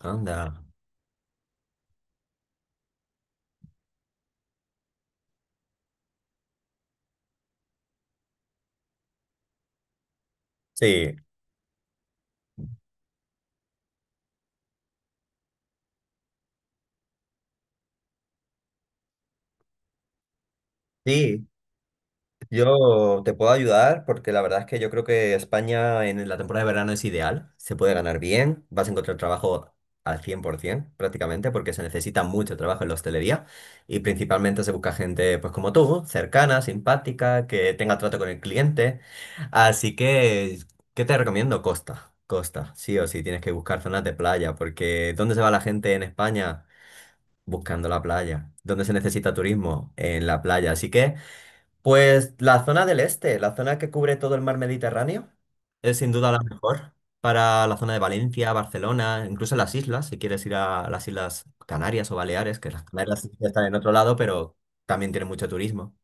Anda. Sí, sí, yo te puedo ayudar porque la verdad es que yo creo que España en la temporada de verano es ideal, se puede ganar bien, vas a encontrar trabajo al 100% prácticamente porque se necesita mucho trabajo en la hostelería y principalmente se busca gente pues como tú, cercana, simpática, que tenga trato con el cliente. Así que, ¿qué te recomiendo? Costa, sí o sí, tienes que buscar zonas de playa porque ¿dónde se va la gente en España? Buscando la playa. ¿Dónde se necesita turismo? En la playa. Así que, pues la zona del este, la zona que cubre todo el mar Mediterráneo, es sin duda la mejor para la zona de Valencia, Barcelona, incluso las islas, si quieres ir a las Islas Canarias o Baleares, que las Canarias sí que están en otro lado, pero también tienen mucho turismo.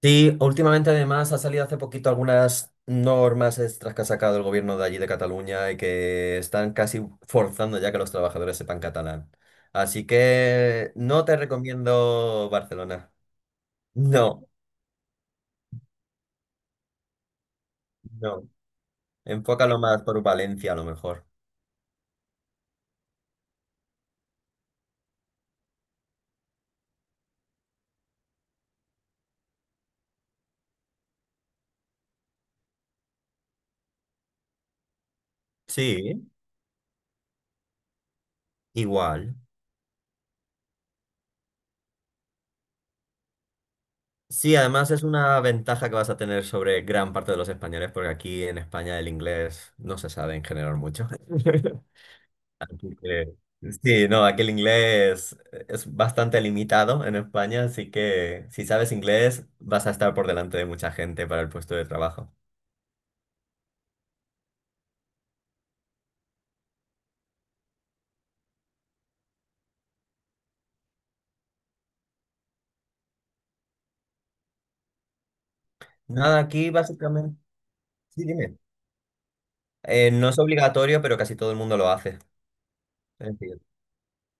Sí, últimamente además ha salido hace poquito algunas normas extras que ha sacado el gobierno de allí de Cataluña y que están casi forzando ya que los trabajadores sepan catalán. Así que no te recomiendo Barcelona. No, no. Enfócalo más por Valencia a lo mejor. Sí, igual. Sí, además es una ventaja que vas a tener sobre gran parte de los españoles porque aquí en España el inglés no se sabe en general mucho. Eh, Sí, no, aquí el inglés es bastante limitado en España, así que si sabes inglés vas a estar por delante de mucha gente para el puesto de trabajo. Nada, aquí básicamente... Sí, dime. No es obligatorio, pero casi todo el mundo lo hace. Es decir,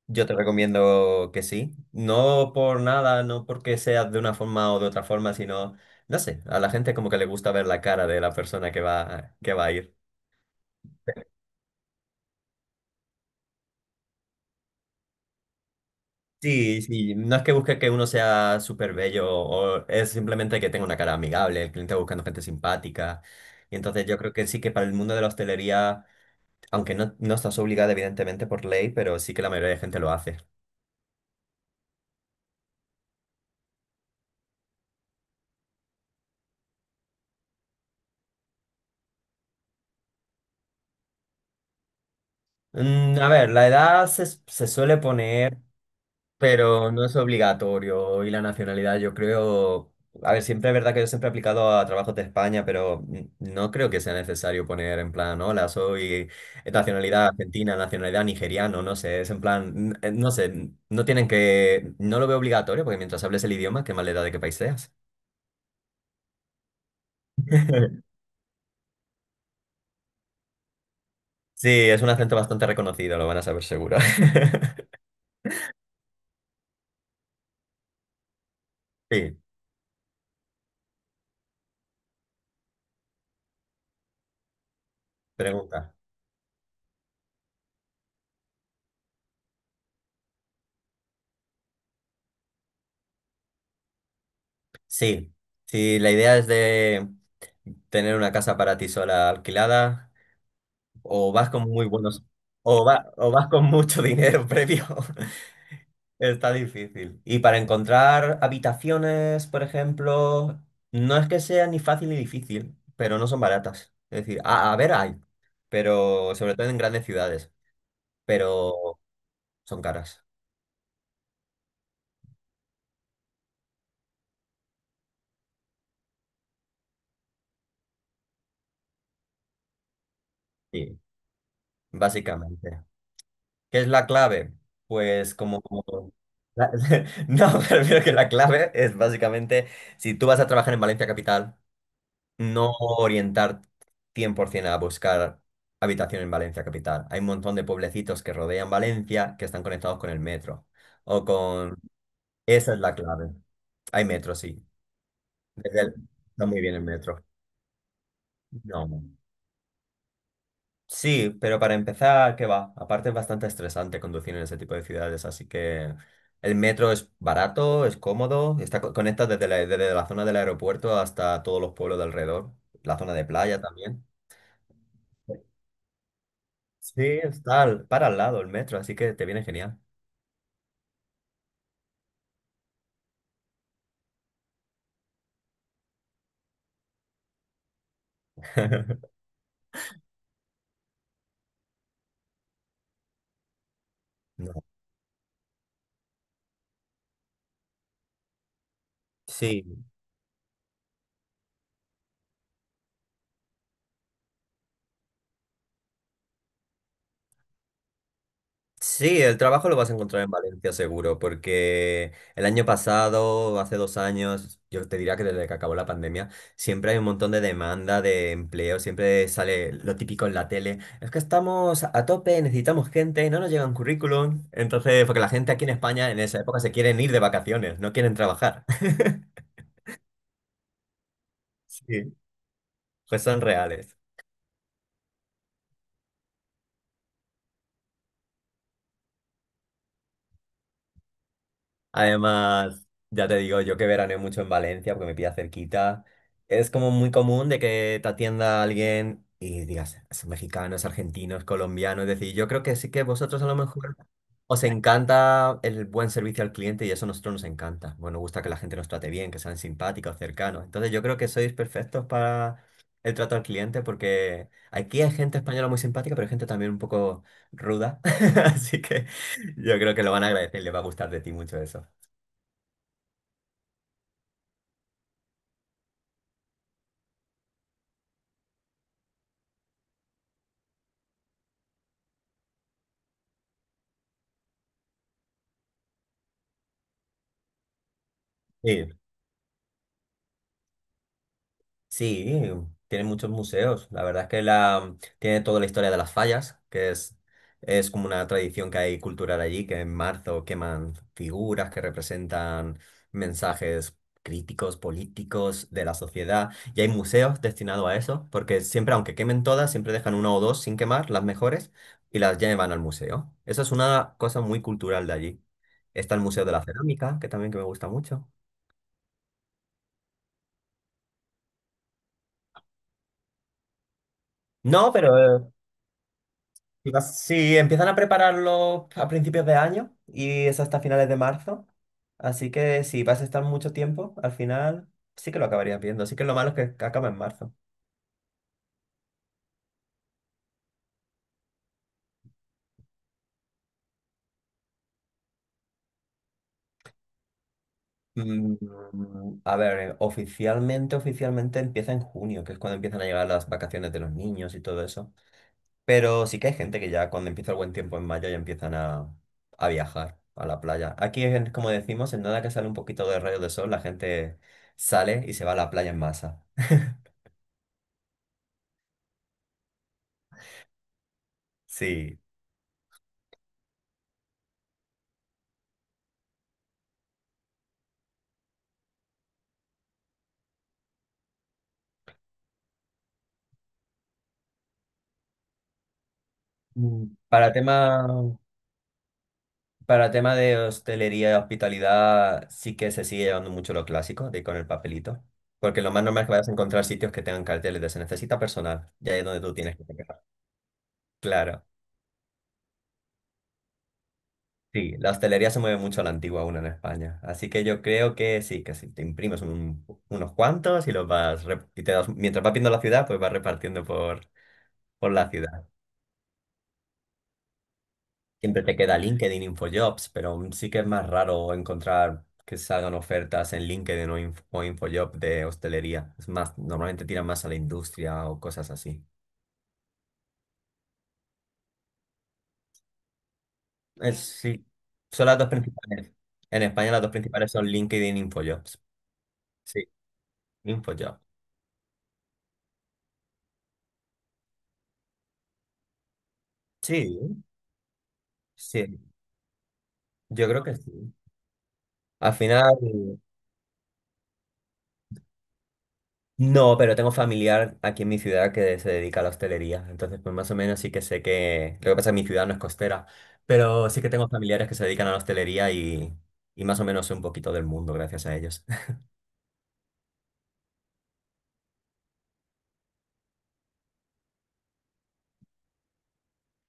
yo te recomiendo que sí. No por nada, no porque sea de una forma o de otra forma, sino, no sé, a la gente como que le gusta ver la cara de la persona que va a ir. Sí, sí, no es que busque que uno sea súper bello, o es simplemente que tenga una cara amigable, el cliente va buscando gente simpática. Y entonces yo creo que sí que para el mundo de la hostelería, aunque no, no estás obligada evidentemente por ley, pero sí que la mayoría de gente lo hace. A ver, la edad se suele poner. Pero no es obligatorio y la nacionalidad, yo creo, a ver, siempre es verdad que yo siempre he aplicado a trabajos de España, pero no creo que sea necesario poner en plan, hola, soy nacionalidad argentina, nacionalidad nigeriano, no sé, es en plan, no sé, no tienen que, no lo veo obligatorio porque mientras hables el idioma, qué más le da de qué país seas. Sí, es un acento bastante reconocido, lo van a saber seguro. Sí, pregunta. Sí, si la idea es de tener una casa para ti sola alquilada. O vas con muy buenos, o vas con mucho dinero previo. Está difícil. Y para encontrar habitaciones, por ejemplo, no es que sea ni fácil ni difícil, pero no son baratas. Es decir, a ver, hay, pero sobre todo en grandes ciudades, pero son caras. Sí, básicamente. ¿Qué es la clave? Pues como... como- la- No, prefiero que la clave es básicamente, si tú vas a trabajar en Valencia Capital, no orientar 100% a buscar habitación en Valencia capital. Hay un montón de pueblecitos que rodean Valencia que están conectados con el metro o con... Esa es la clave. Hay metro, sí. Desde el- Está muy bien el metro. No. Sí, pero para empezar, ¿qué va? Aparte es bastante estresante conducir en ese tipo de ciudades, así que el metro es barato, es cómodo, conecta desde la zona del aeropuerto hasta todos los pueblos de alrededor, la zona de playa también. Sí, para al lado el metro, así que te viene genial. No. Sí, sí, el trabajo lo vas a encontrar en Valencia seguro, porque el año pasado, hace dos años, yo te diría que desde que acabó la pandemia, siempre hay un montón de demanda de empleo, siempre sale lo típico en la tele, es que estamos a tope, necesitamos gente, no nos llegan currículum, entonces, porque la gente aquí en España en esa época se quieren ir de vacaciones, no quieren trabajar. Sí, pues son reales. Además, ya te digo, yo que veraneo mucho en Valencia porque me pilla cerquita. Es como muy común de que te atienda alguien y digas, es mexicano, es argentino, es colombiano. Es decir, yo creo que sí que vosotros a lo mejor os encanta el buen servicio al cliente y eso a nosotros nos encanta. Bueno, nos gusta que la gente nos trate bien, que sean simpáticos, cercanos. Entonces yo creo que sois perfectos para el trato al cliente porque aquí hay gente española muy simpática, pero hay gente también un poco ruda. Así que... Yo creo que lo van a agradecer y les va a gustar de ti mucho eso. Sí, sí, tiene muchos museos. La verdad es que la, tiene toda la historia de las fallas, que es como una tradición que hay cultural allí, que en marzo queman figuras que representan mensajes críticos, políticos de la sociedad. Y hay museos destinados a eso, porque siempre, aunque quemen todas, siempre dejan una o dos sin quemar, las mejores, y las llevan al museo. Eso es una cosa muy cultural de allí. Está el Museo de la Cerámica, que también que me gusta mucho. No, pero Y vas- Sí, empiezan a prepararlo a principios de año y es hasta finales de marzo. Así que si vas a estar mucho tiempo, al final sí que lo acabarías viendo. Así que lo malo es que acaba en marzo. Mm, a ver, oficialmente empieza en junio, que es cuando empiezan a llegar las vacaciones de los niños y todo eso. Pero sí que hay gente que ya cuando empieza el buen tiempo en mayo ya a viajar a la playa. Aquí, como decimos, en nada que sale un poquito de rayos de sol, la gente sale y se va a la playa en masa. Sí, Mm, Para tema, para tema de hostelería y hospitalidad, sí que se sigue llevando mucho lo clásico, de ir con el papelito. Porque lo más normal es que vayas a encontrar sitios que tengan carteles de se necesita personal, ya es donde tú tienes que pegar. Claro. Sí, la hostelería se mueve mucho a la antigua aún en España. Así que yo creo que sí, que si te imprimes unos cuantos y los vas, mientras vas viendo la ciudad, pues vas repartiendo por la ciudad. Siempre te queda LinkedIn, InfoJobs, pero sí que es más raro encontrar que salgan ofertas en LinkedIn o, InfoJob de hostelería. Es más, normalmente tiran más a la industria o cosas así. Es, sí, son las dos principales. En España las dos principales son LinkedIn, InfoJobs. Sí, InfoJob. Sí, sí, yo creo que sí. Al final, no, pero tengo familiar aquí en mi ciudad que se dedica a la hostelería, entonces pues más o menos sí que sé que... Lo que pasa es que mi ciudad no es costera, pero sí que tengo familiares que se dedican a la hostelería y más o menos sé un poquito del mundo gracias a ellos.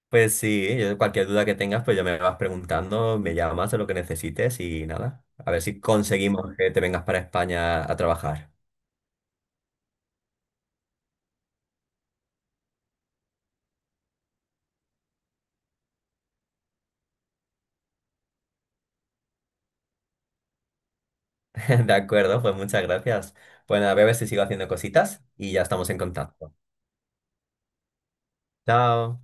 Pues sí, yo- cualquier duda que tengas, pues ya me vas preguntando, me llamas de lo que necesites y nada, a ver si conseguimos que te vengas para España a trabajar. De acuerdo, pues muchas gracias. Bueno, a ver si sigo haciendo cositas y ya estamos en contacto. Chao.